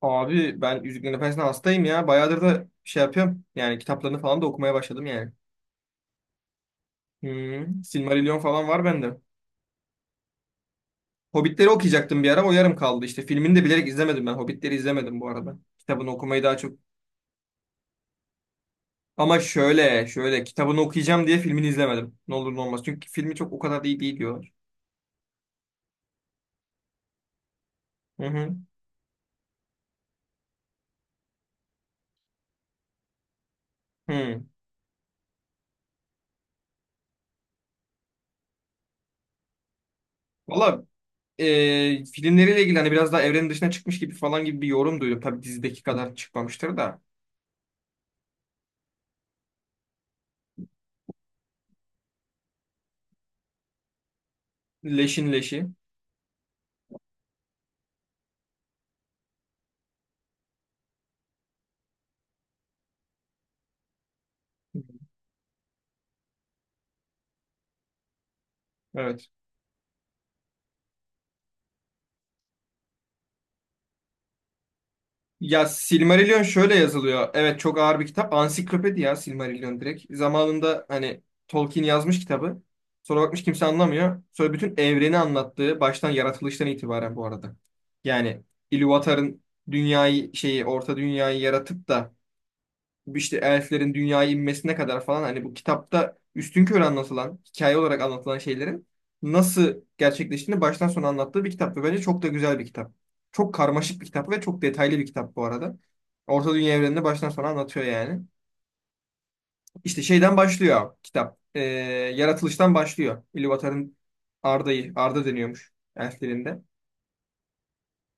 Abi ben Yüzüklerin Efendisi'ne hastayım ya. Bayağıdır da şey yapıyorum. Yani kitaplarını falan da okumaya başladım yani. Silmarillion falan var bende. Hobbitleri okuyacaktım bir ara, o yarım kaldı işte. Filmini de bilerek izlemedim ben. Hobbitleri izlemedim bu arada. Kitabını okumayı daha çok... Ama şöyle kitabını okuyacağım diye filmini izlemedim. Ne olur ne olmaz. Çünkü filmi çok o kadar da iyi değil diyorlar. Hı hı. Hı. Valla filmleriyle ilgili hani biraz daha evrenin dışına çıkmış gibi falan gibi bir yorum duydum. Tabii dizideki kadar çıkmamıştır da. Leşin leşi. Evet. Ya Silmarillion şöyle yazılıyor. Evet, çok ağır bir kitap. Ansiklopedi ya Silmarillion direkt. Zamanında hani Tolkien yazmış kitabı. Sonra bakmış kimse anlamıyor. Sonra bütün evreni anlattığı baştan yaratılıştan itibaren bu arada. Yani Ilúvatar'ın dünyayı şeyi Orta Dünyayı yaratıp da işte elflerin dünyaya inmesine kadar falan hani bu kitapta üstün körü anlatılan, hikaye olarak anlatılan şeylerin nasıl gerçekleştiğini baştan sona anlattığı bir kitap ve bence çok da güzel bir kitap. Çok karmaşık bir kitap ve çok detaylı bir kitap bu arada. Orta Dünya evrenini baştan sona anlatıyor yani. İşte şeyden başlıyor abi, kitap. Yaratılıştan başlıyor. Ilúvatar'ın Arda'yı, Arda deniyormuş elflerinde.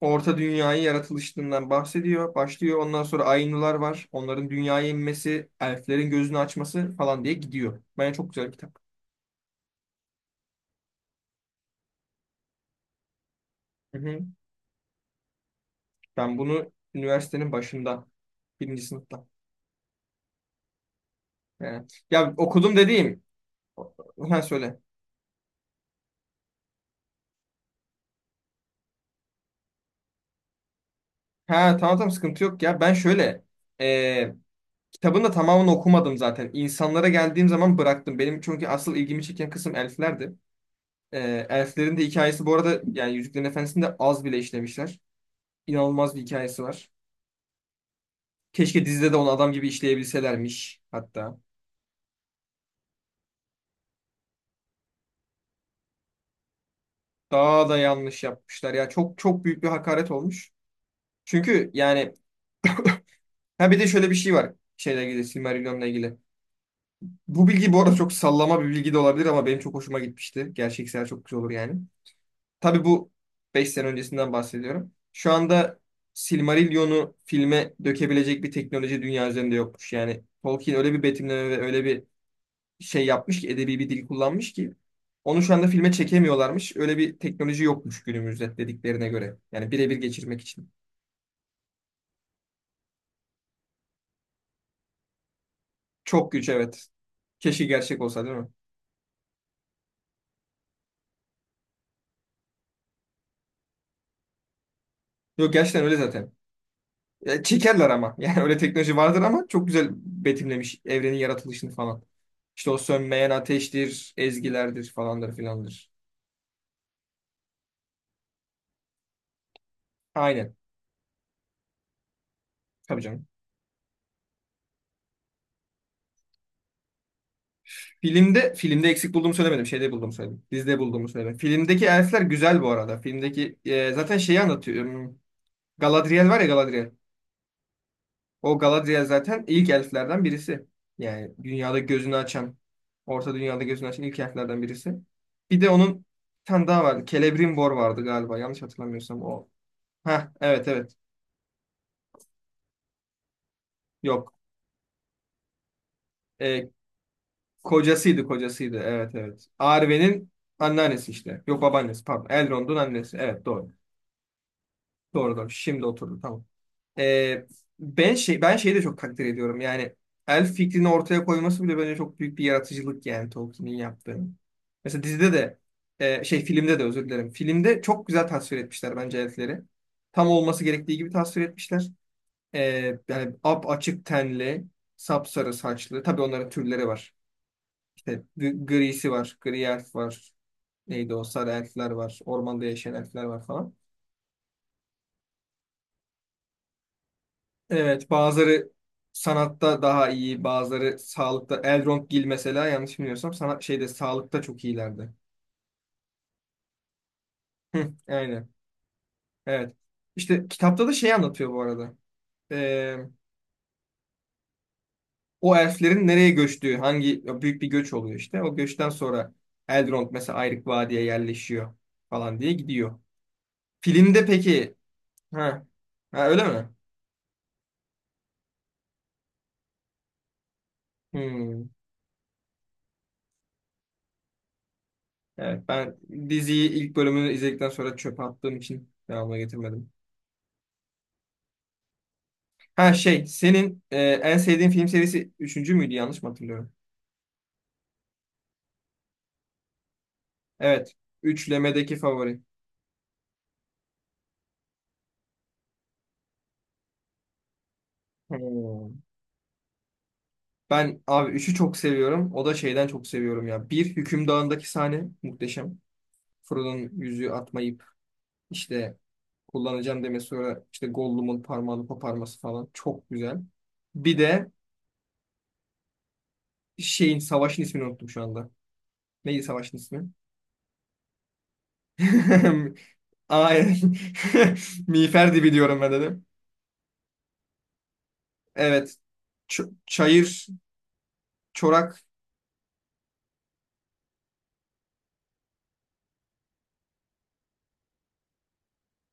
Orta Dünya'yı yaratılışından bahsediyor, başlıyor. Ondan sonra Ainular var. Onların dünyaya inmesi, elflerin gözünü açması falan diye gidiyor. Bence çok güzel bir kitap. Hı hı. Ben bunu üniversitenin başında, birinci sınıfta. Yani, ya okudum dediğim. Ha söyle. Ha tamam tamam, sıkıntı yok ya. Ben şöyle e, kitabın da tamamını okumadım zaten. İnsanlara geldiğim zaman bıraktım. Benim çünkü asıl ilgimi çeken kısım elflerdi. E, Elflerin de hikayesi bu arada yani Yüzüklerin Efendisi'nde az bile işlemişler. İnanılmaz bir hikayesi var. Keşke dizide de onu adam gibi işleyebilselermiş hatta. Daha da yanlış yapmışlar ya. Çok çok büyük bir hakaret olmuş. Çünkü yani ha, bir de şöyle bir şey var. Şeyle ilgili, Silmarillion'la ilgili. Bu bilgi bu arada çok sallama bir bilgi de olabilir ama benim çok hoşuma gitmişti. Gerçeksel çok güzel olur yani. Tabii bu 5 sene öncesinden bahsediyorum. Şu anda Silmarillion'u filme dökebilecek bir teknoloji dünya üzerinde yokmuş. Yani Tolkien öyle bir betimleme ve öyle bir şey yapmış ki, edebi bir dil kullanmış ki onu şu anda filme çekemiyorlarmış. Öyle bir teknoloji yokmuş günümüzde dediklerine göre. Yani birebir geçirmek için. Çok güç, evet. Keşke gerçek olsa değil mi? Yok, gerçekten öyle zaten. Ya, çekerler ama. Yani öyle teknoloji vardır ama çok güzel betimlemiş evrenin yaratılışını falan. İşte o sönmeyen ateştir, ezgilerdir falandır filandır. Aynen. Tabii canım. Filmde eksik bulduğumu söylemedim. Şeyde bulduğumu söyledim. Dizide bulduğumu söyledim. Filmdeki elfler güzel bu arada. Filmdeki zaten şeyi anlatıyor. Galadriel var ya, Galadriel. O Galadriel zaten ilk elflerden birisi. Yani dünyada gözünü açan, Orta Dünya'da gözünü açan ilk elflerden birisi. Bir de onun bir tane daha vardı. Celebrimbor vardı galiba. Yanlış hatırlamıyorsam o. Ha evet evet. Yok. Ee, Kocasıydı kocasıydı. Evet evet. Arwen'in anneannesi işte. Yok, babaannesi pardon. Elrond'un annesi. Evet, doğru. Doğru doğru. Şimdi oturdu, tamam. Ee, ben şeyi de çok takdir ediyorum. Yani elf fikrini ortaya koyması bile bence çok büyük bir yaratıcılık, yani Tolkien'in yaptığı. Mesela dizide de filmde de özür dilerim. Filmde çok güzel tasvir etmişler bence elfleri. Tam olması gerektiği gibi tasvir etmişler. Yani ap açık tenli, sapsarı saçlı. Tabii onların türleri var. İşte grisi var, gri elf var. Neydi o? Sarı elfler var. Ormanda yaşayan elfler var falan. Evet, bazıları sanatta daha iyi, bazıları sağlıkta. Elrond Gil mesela, yanlış bilmiyorsam sanat şeyde sağlıkta çok iyilerdi. Hı, aynen. Evet. İşte kitapta da şey anlatıyor bu arada. Ee, O elflerin nereye göçtüğü, hangi büyük bir göç oluyor işte. O göçten sonra Elrond mesela Ayrık Vadi'ye yerleşiyor falan diye gidiyor. Filmde peki? Ha, ha öyle mi? Hmm. Evet, ben diziyi ilk bölümünü izledikten sonra çöpe attığım için devamına getirmedim. Ha şey, senin en sevdiğin film serisi üçüncü müydü, yanlış mı hatırlıyorum? Evet. Üçlemedeki favori. Hmm. Ben abi üçü çok seviyorum. O da şeyden çok seviyorum ya. Bir Hükümdar'ındaki sahne muhteşem. Frodo'nun yüzüğü atmayıp işte kullanacağım demesi, sonra işte Gollum'un parmağını koparması falan çok güzel. Bir de şeyin, savaşın ismini unuttum şu anda. Neydi savaşın ismi? Aynen. Miğfer dibi diyorum ben dedim. Evet. Ç- çayır Çorak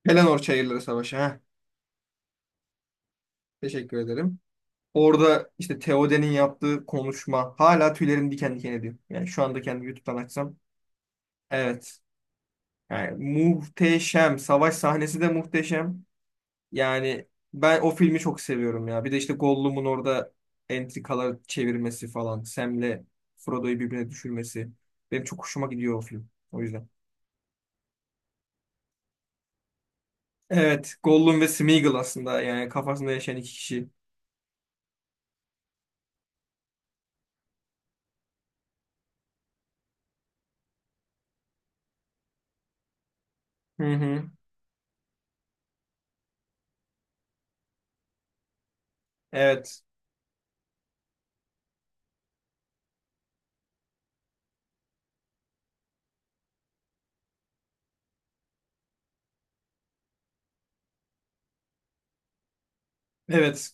Pelennor Çayırları Savaşı. Heh, teşekkür ederim. Orada işte Theoden'in yaptığı konuşma hala tüylerim diken diken ediyor. Yani şu anda kendi YouTube'dan açsam. Evet. Yani muhteşem. Savaş sahnesi de muhteşem. Yani ben o filmi çok seviyorum ya. Bir de işte Gollum'un orada entrikalar çevirmesi falan. Sam'le Frodo'yu birbirine düşürmesi. Benim çok hoşuma gidiyor o film. O yüzden. Evet. Gollum ve Smeagol aslında. Yani kafasında yaşayan iki kişi. Hı hı. Evet. Evet.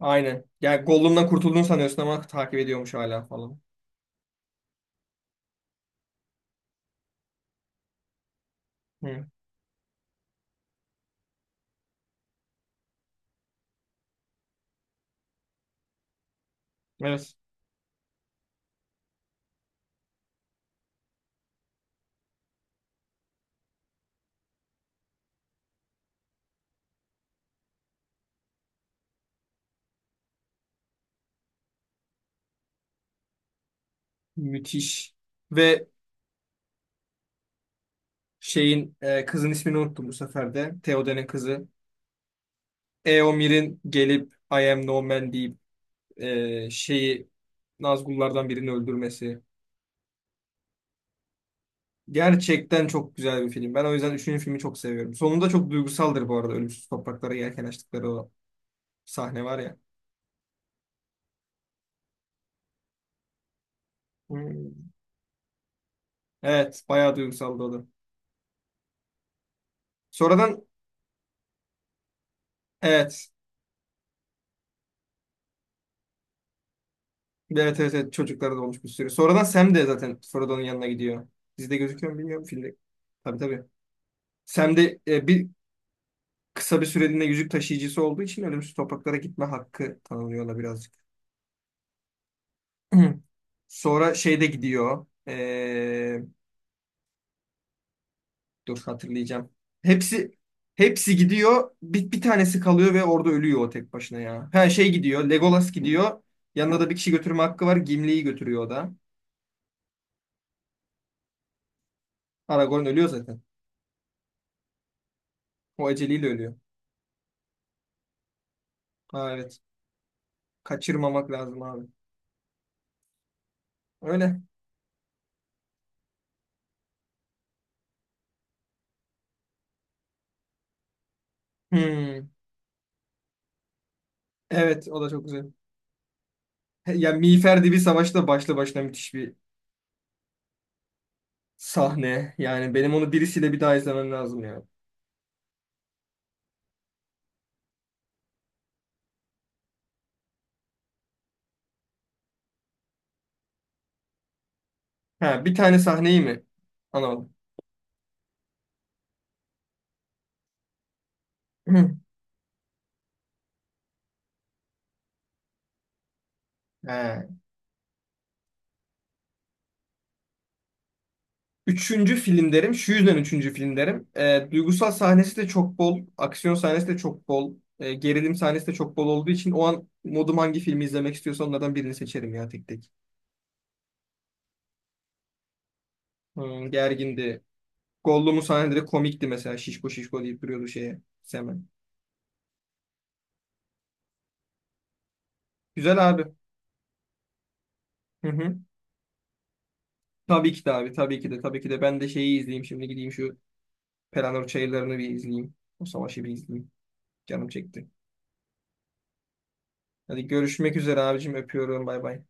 Aynen. Yani Gollum'dan kurtulduğunu sanıyorsun ama takip ediyormuş hala falan. Hı. Evet. Müthiş. Ve şeyin kızın ismini unuttum bu sefer de. Theoden'in kızı. Eomir'in gelip I am no man deyip şeyi, Nazgullardan birini öldürmesi. Gerçekten çok güzel bir film. Ben o yüzden üçüncü filmi çok seviyorum. Sonunda çok duygusaldır bu arada. Ölümsüz topraklara yelken açtıkları o sahne var ya. Hı. Evet. Bayağı duygusaldı o da. Sonradan, evet. Evet evet evet, çocuklara da olmuş bir sürü. Sonradan Sam de zaten Frodo'nun yanına gidiyor. Dizide gözüküyor mu bilmiyorum, filmde. Tabii tabii. Sam de e, bir kısa bir süreliğine yüzük taşıyıcısı olduğu için ölümsüz topraklara gitme hakkı tanınıyor ona birazcık. Sonra şeyde gidiyor. Dur hatırlayacağım. Hepsi hepsi gidiyor. Bir tanesi kalıyor ve orada ölüyor o tek başına ya. Her şey gidiyor. Legolas gidiyor. Yanına da bir kişi götürme hakkı var. Gimli'yi götürüyor o da. Aragorn ölüyor zaten. O aceliyle ölüyor. Ha, evet. Kaçırmamak lazım abi. Öyle. Hmm. Evet, o da çok güzel. Ya Miğfer Dibi Savaşı da başlı başına müthiş bir sahne. Yani benim onu birisiyle bir daha izlemem lazım ya. Ha, bir tane sahneyi mi? Anladım. He. Üçüncü film derim. Şu yüzden üçüncü film derim. Duygusal sahnesi de çok bol. Aksiyon sahnesi de çok bol. Gerilim sahnesi de çok bol olduğu için o an modum hangi filmi izlemek istiyorsa onlardan birini seçerim ya, tek tek. Gergindi. Gollum'un sahneleri komikti mesela. Şişko şişko deyip duruyordu şeye. Semen. Güzel abi. Hı hı. Tabii ki de abi. Tabii ki de. Tabii ki de. Ben de şeyi izleyeyim. Şimdi gideyim şu Pelanor Çayırları'nı bir izleyeyim. O savaşı bir izleyeyim. Canım çekti. Hadi görüşmek üzere abicim. Öpüyorum. Bay bay.